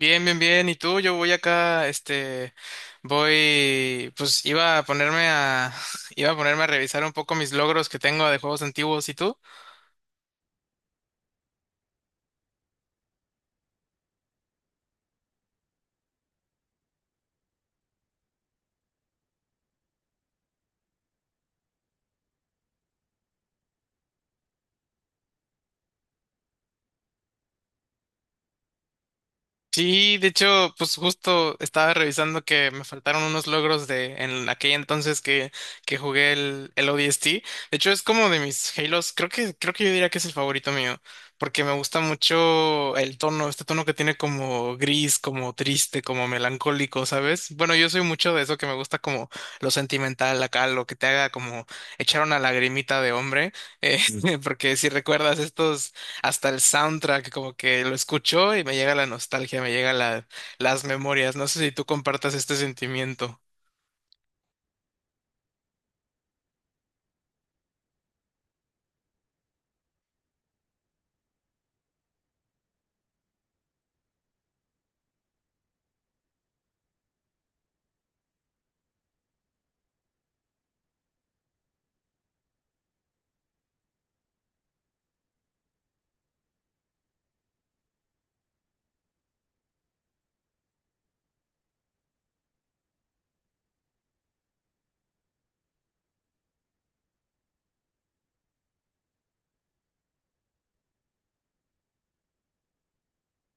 Bien, bien, bien. ¿Y tú? Yo voy acá, voy, pues iba a ponerme a, iba a ponerme a revisar un poco mis logros que tengo de juegos antiguos. ¿Y tú? Sí, de hecho, pues justo estaba revisando que me faltaron unos logros de en aquel entonces que jugué el ODST. De hecho, es como de mis Halos, creo que yo diría que es el favorito mío, porque me gusta mucho el tono, este tono que tiene como gris, como triste, como melancólico, ¿sabes? Bueno, yo soy mucho de eso que me gusta como lo sentimental acá, lo que te haga como echar una lagrimita de hombre, eh, porque si recuerdas estos hasta el soundtrack, como que lo escucho y me llega la nostalgia, me llega las memorias. No sé si tú compartas este sentimiento.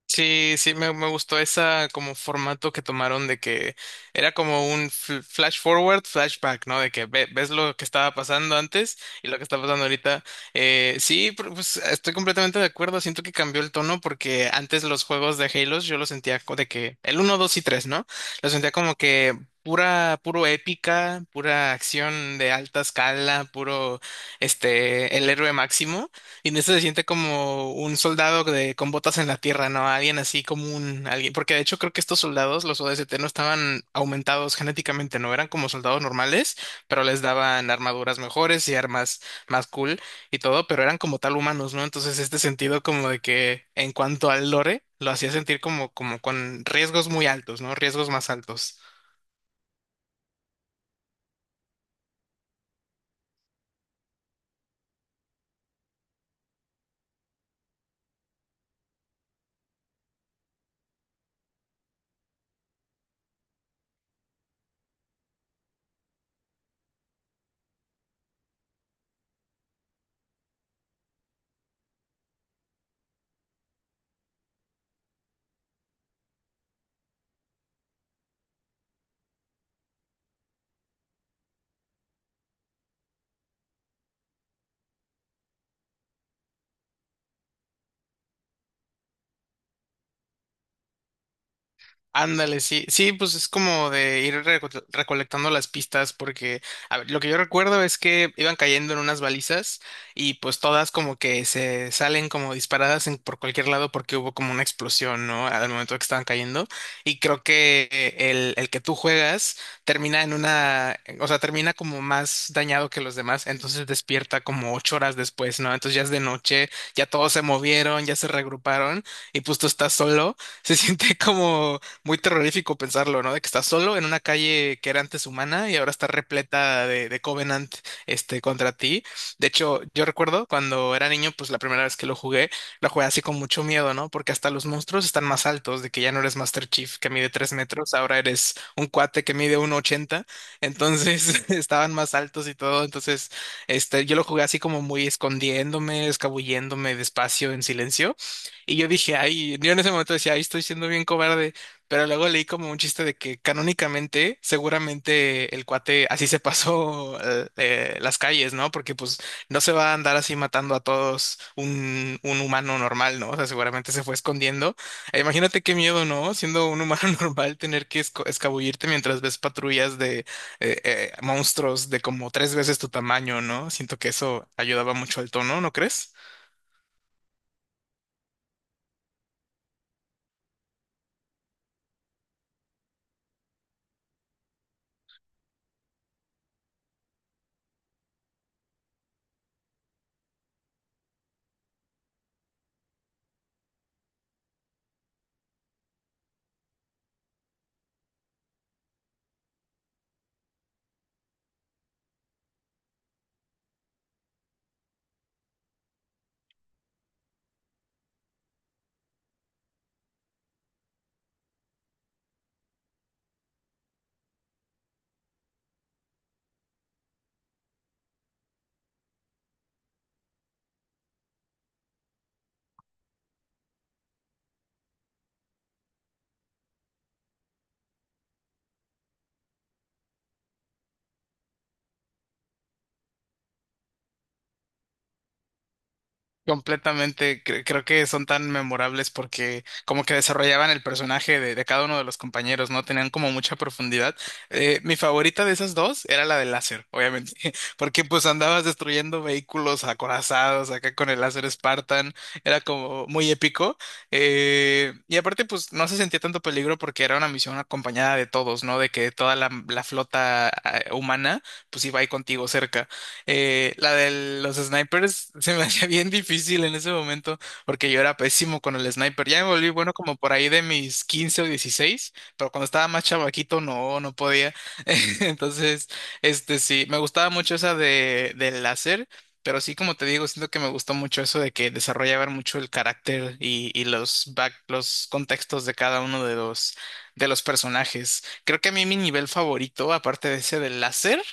Sí, sí, me gustó esa como formato que tomaron de que era como un flash forward, flashback, ¿no? De que ves lo que estaba pasando antes y lo que está pasando ahorita. Sí, pues estoy completamente de acuerdo. Siento que cambió el tono porque antes los juegos de Halo yo los sentía de que el uno, 2 y 3, ¿no? Los sentía como que pura, puro épica, pura acción de alta escala, puro, el héroe máximo. Y en este se siente como un soldado de, con botas en la tierra, ¿no? Alguien así como un, alguien, porque de hecho creo que estos soldados, los ODST, no estaban aumentados genéticamente, no eran como soldados normales, pero les daban armaduras mejores y armas más cool y todo, pero eran como tal humanos, ¿no? Entonces este sentido como de que en cuanto al lore, lo hacía sentir como, como con riesgos muy altos, ¿no? Riesgos más altos. Ándale, sí, sí, pues es como de ir recolectando las pistas porque, a ver, lo que yo recuerdo es que iban cayendo en unas balizas y pues todas como que se salen como disparadas por cualquier lado porque hubo como una explosión, ¿no? Al momento que estaban cayendo y creo que el que tú juegas termina en una, o sea, termina como más dañado que los demás, entonces despierta como ocho horas después, ¿no? Entonces ya es de noche, ya todos se movieron, ya se regruparon y pues tú estás solo se siente como, muy terrorífico pensarlo, ¿no? De que estás solo en una calle que era antes humana y ahora está repleta de Covenant, contra ti. De hecho, yo recuerdo cuando era niño, pues la primera vez que lo jugué así con mucho miedo, ¿no? Porque hasta los monstruos están más altos, de que ya no eres Master Chief que mide tres metros, ahora eres un cuate que mide uno ochenta, entonces estaban más altos y todo, entonces, yo lo jugué así como muy escondiéndome, escabulléndome despacio, en silencio. Y yo dije, ay, yo en ese momento decía, ay, estoy siendo bien cobarde, pero luego leí como un chiste de que canónicamente, seguramente el cuate así se pasó las calles, ¿no? Porque pues no se va a andar así matando a todos un humano normal, ¿no? O sea, seguramente se fue escondiendo. E imagínate qué miedo, ¿no? Siendo un humano normal, tener que escabullirte mientras ves patrullas de monstruos de como tres veces tu tamaño, ¿no? Siento que eso ayudaba mucho al tono, ¿no crees? Completamente, creo que son tan memorables porque como que desarrollaban el personaje de cada uno de los compañeros, ¿no? Tenían como mucha profundidad. Mi favorita de esas dos era la del láser, obviamente, porque pues andabas destruyendo vehículos acorazados acá con el láser Spartan, era como muy épico. Y aparte pues no se sentía tanto peligro porque era una misión acompañada de todos, ¿no? De que toda la flota humana pues iba ahí contigo cerca. La de los snipers se me hacía bien difícil en ese momento porque yo era pésimo con el sniper. Ya me volví bueno como por ahí de mis 15 o 16 pero cuando estaba más chavaquito no, no podía. Entonces, este sí, me gustaba mucho esa de, del láser. Pero sí, como te digo, siento que me gustó mucho eso de que desarrollaban mucho el carácter y los back, los contextos de cada uno de los personajes. Creo que a mí mi nivel favorito, aparte de ese del láser,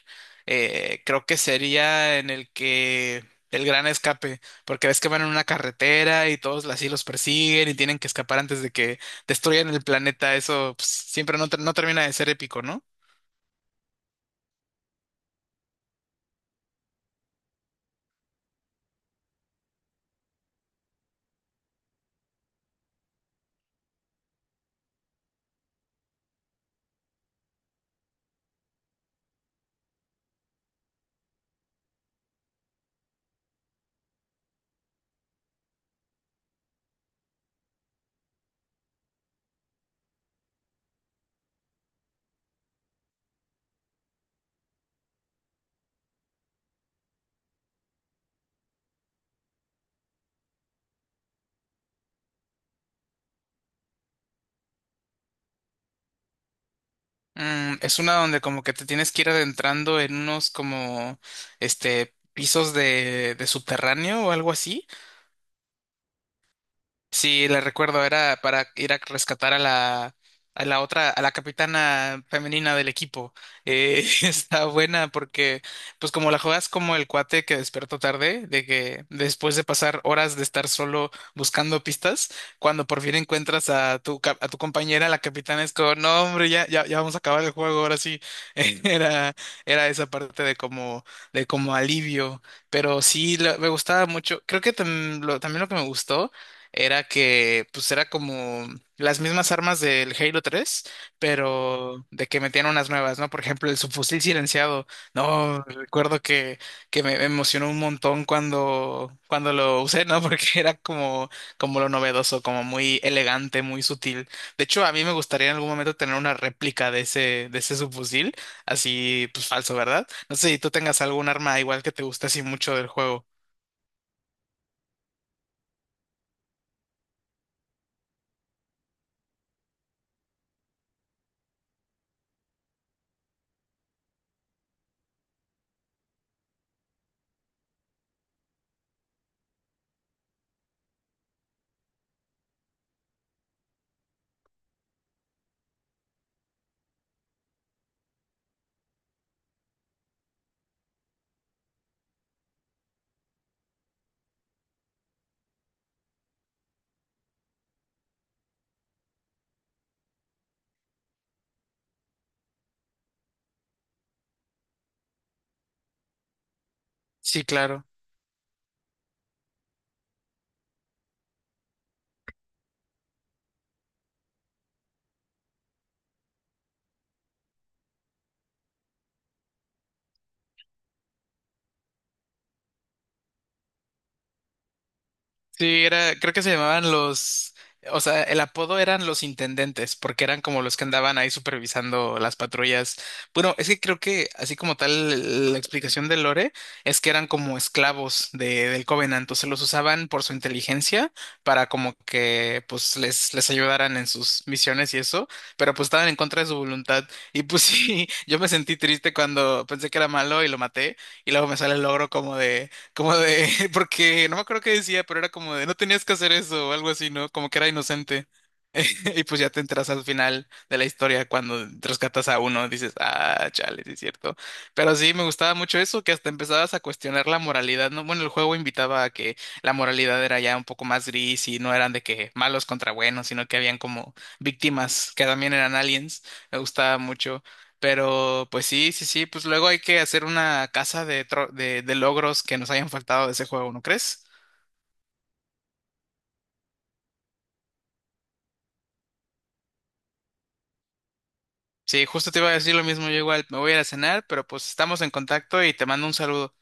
creo que sería en el que el gran escape, porque ves que van en una carretera y todos así los persiguen y tienen que escapar antes de que destruyan el planeta. Eso pues, siempre no, no termina de ser épico, ¿no? Mm, es una donde como que te tienes que ir adentrando en unos como este pisos de subterráneo o algo así. Sí, la recuerdo, era para ir a rescatar a la otra, a la capitana femenina del equipo. Está buena porque, pues como la juegas como el cuate que despertó tarde, de que después de pasar horas de estar solo buscando pistas, cuando por fin encuentras a tu compañera, la capitana es como, no, hombre, ya, ya, ya vamos a acabar el juego, ahora sí. Era, Era esa parte de como alivio, pero sí, me gustaba mucho. Creo que también lo que me gustó era que pues era como las mismas armas del Halo 3 pero de que metían unas nuevas, ¿no? Por ejemplo, el subfusil silenciado. No, que me emocionó un montón cuando lo usé, ¿no? Porque era como, como lo novedoso, como muy elegante, muy sutil. De hecho, a mí me gustaría en algún momento tener una réplica de ese subfusil, así pues falso, ¿verdad? No sé si tú tengas algún arma igual que te guste así mucho del juego. Sí, claro. Sí, creo que se llamaban o sea, el apodo eran los intendentes, porque eran como los que andaban ahí supervisando las patrullas. Bueno, es que creo que así como tal la explicación de Lore es que eran como esclavos del Covenant, entonces los usaban por su inteligencia para como que pues les ayudaran en sus misiones y eso, pero pues estaban en contra de su voluntad. Y pues sí, yo me sentí triste cuando pensé que era malo y lo maté, y luego me sale el logro como de como porque no me acuerdo qué decía, pero era como de, no tenías que hacer eso o algo así, ¿no? Como que era inocente. Y pues ya te enteras al final de la historia cuando rescatas a uno, dices, ah, chale, sí es cierto. Pero sí, me gustaba mucho eso, que hasta empezabas a cuestionar la moralidad, ¿no? Bueno, el juego invitaba a que la moralidad era ya un poco más gris y no eran de que malos contra buenos, sino que habían como víctimas que también eran aliens. Me gustaba mucho. Pero pues sí, sí, sí, pues luego hay que hacer una casa de logros que nos hayan faltado de ese juego, ¿no crees? Sí, justo te iba a decir lo mismo, yo igual me voy a ir a cenar, pero pues estamos en contacto y te mando un saludo.